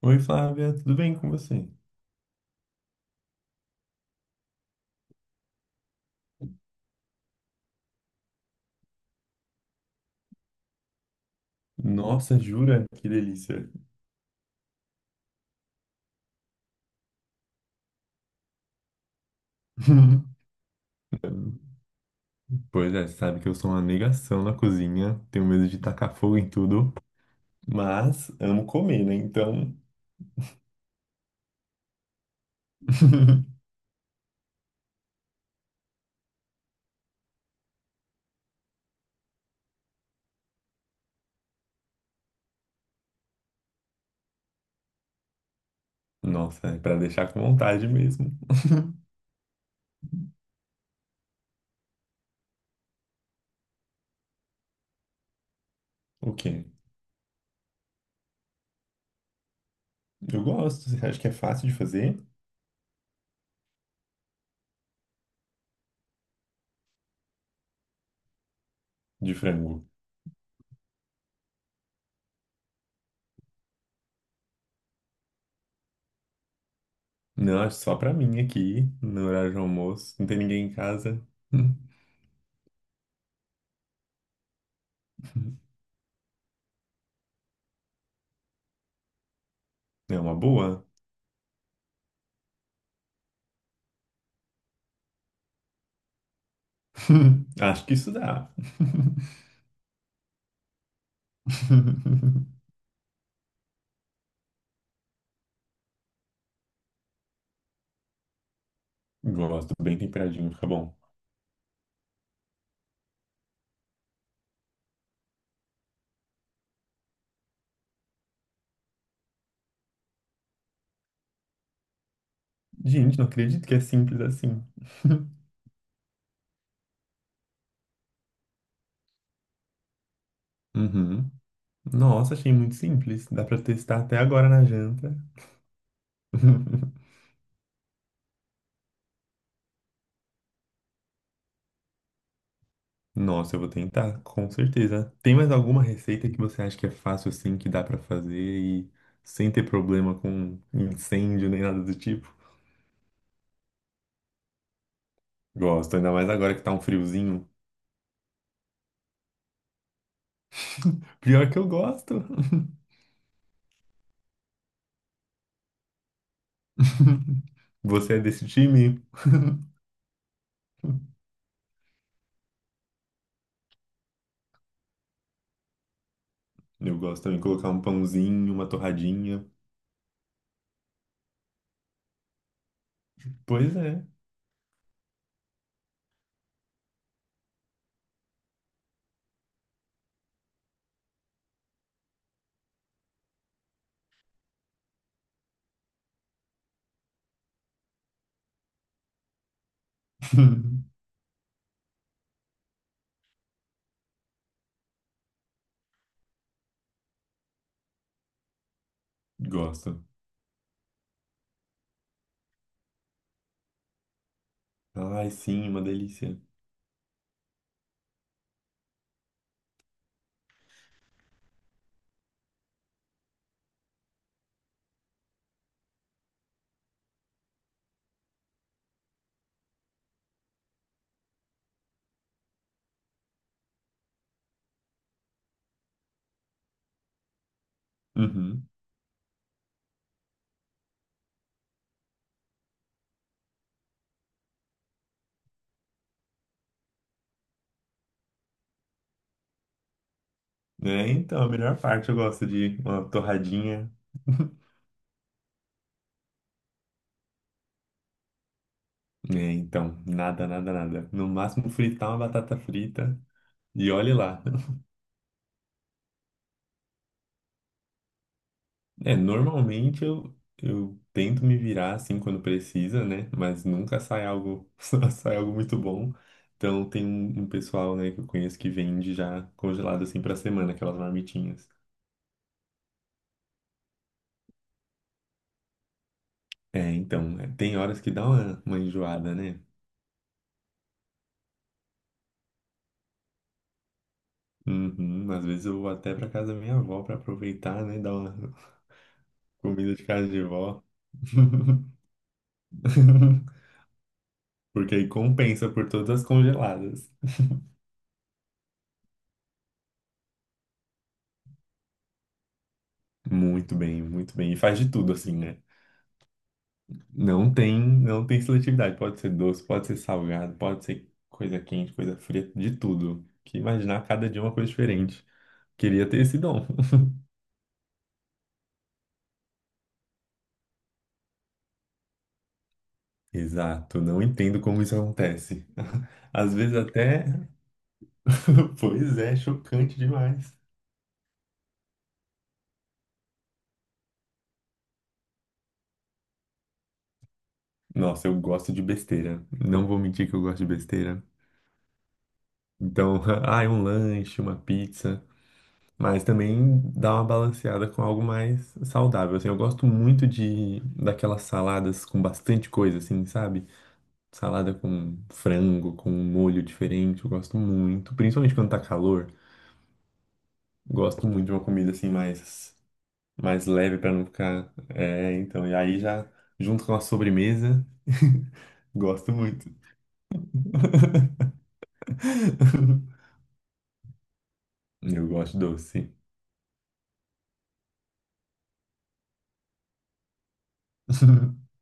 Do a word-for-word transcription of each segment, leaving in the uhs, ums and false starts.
Oi, Flávia, tudo bem com você? Nossa, jura? Que delícia. Pois é, sabe que eu sou uma negação na cozinha, tenho medo de tacar fogo em tudo, mas amo comer, né? Então, nossa, é pra deixar com vontade mesmo. O quê? Eu gosto, você acha que é fácil de fazer? De frango. Não, acho só pra mim aqui, no horário de almoço, não tem ninguém em casa. É uma boa. Acho que isso dá. Gosto, bem temperadinho, fica bom. Gente, não acredito que é simples assim. Uhum. Nossa, achei muito simples. Dá pra testar até agora na janta. Nossa, eu vou tentar, com certeza. Tem mais alguma receita que você acha que é fácil assim, que dá pra fazer e sem ter problema com incêndio nem nada do tipo? Gosto, ainda mais agora que tá um friozinho. Pior que eu gosto. Você é desse time? Eu gosto também de colocar um pãozinho, uma torradinha. Pois é. Gosto. Ai, sim, uma delícia. Uhum. É, então, a melhor parte eu gosto de uma torradinha. É, então, nada, nada, nada. No máximo fritar uma batata frita e olhe lá. É, normalmente eu, eu tento me virar assim quando precisa, né? Mas nunca sai algo, sai algo muito bom. Então tem um, um pessoal, né, que eu conheço que vende já congelado assim pra semana, aquelas marmitinhas. É, então, é, tem horas que dá uma, uma enjoada, né? Uhum, às vezes eu vou até pra casa da minha avó pra aproveitar, né? Dar uma comida de casa de vó. Porque aí compensa por todas as congeladas. Muito bem, muito bem. E faz de tudo assim, né? Não tem, não tem seletividade. Pode ser doce, pode ser salgado, pode ser coisa quente, coisa fria, de tudo. Que imaginar cada dia uma coisa diferente. Queria ter esse dom. Exato, não entendo como isso acontece. Às vezes até. Pois é, chocante demais. Nossa, eu gosto de besteira. Não vou mentir que eu gosto de besteira. Então, ah, um lanche, uma pizza. Mas também dá uma balanceada com algo mais saudável. Assim, eu gosto muito de daquelas saladas com bastante coisa, assim, sabe? Salada com frango, com um molho diferente. Eu gosto muito. Principalmente quando tá calor. Gosto muito de uma comida assim mais, mais leve pra não ficar. É, então. E aí já junto com a sobremesa. Gosto muito. Eu gosto doce.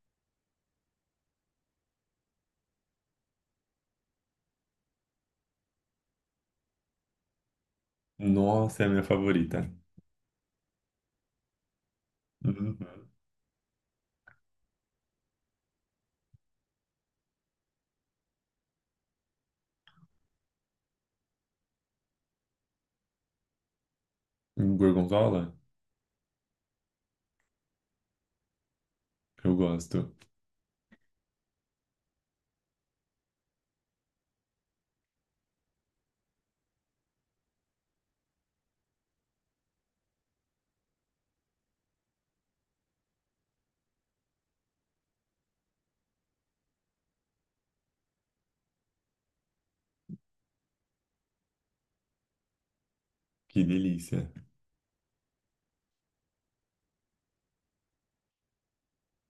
Nossa, é a minha favorita. Uhum. Gorgonzola? Eu gosto. Que delícia.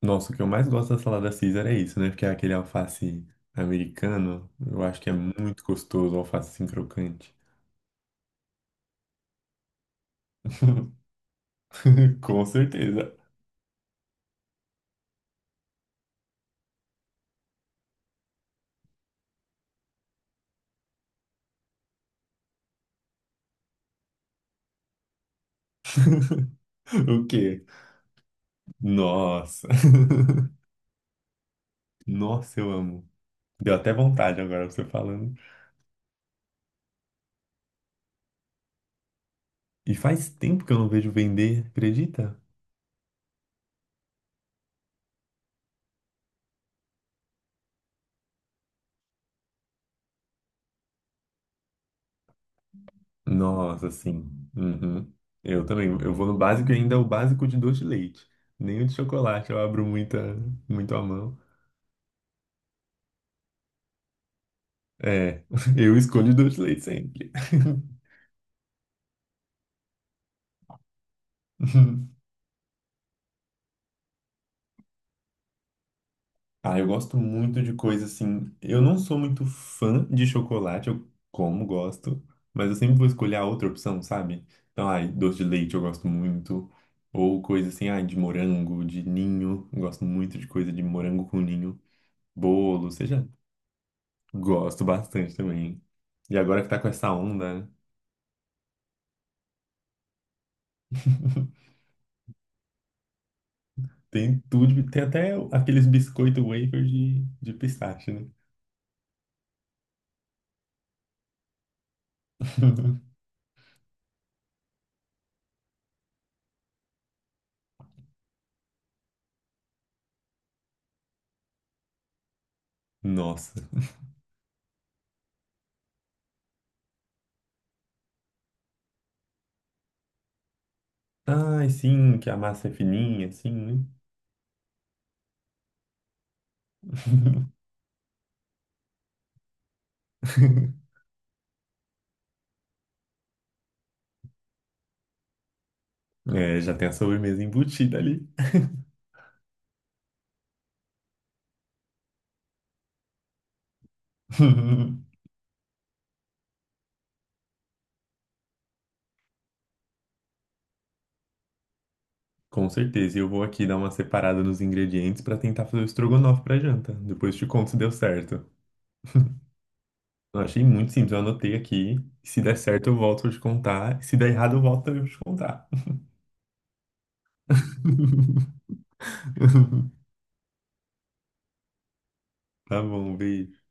Nossa, o que eu mais gosto da salada Caesar é isso, né? Porque é aquele alface americano. Eu acho que é muito gostoso o alface assim crocante. Com certeza. O quê? Nossa. Nossa, eu amo. Deu até vontade agora você falando. E faz tempo que eu não vejo vender, acredita? Nossa, sim. Uhum. Eu também. Eu vou no básico e ainda é o básico de doce de leite. Nem o de chocolate eu abro muita, muito a mão. É, eu escolho doce de leite sempre. Ah, eu gosto muito de coisa assim. Eu não sou muito fã de chocolate, eu como, gosto, mas eu sempre vou escolher a outra opção, sabe? Então, ai, doce de leite eu gosto muito. Ou coisa assim, ai, de morango, de ninho. Eu gosto muito de coisa de morango com ninho. Bolo, seja. Gosto bastante também. E agora que tá com essa onda, né? Tem tudo, tem até aqueles biscoito wafer de, de pistache, né? Nossa. Ai, sim, que a massa é fininha, assim, né? É, já tem a sobremesa embutida ali. Com certeza. E eu vou aqui dar uma separada nos ingredientes pra tentar fazer o estrogonofe pra janta. Depois te conto se deu certo. Eu achei muito simples, eu anotei aqui. Se der certo, eu volto a te contar. Se der errado, eu volto a te contar. Tá bom, beijo.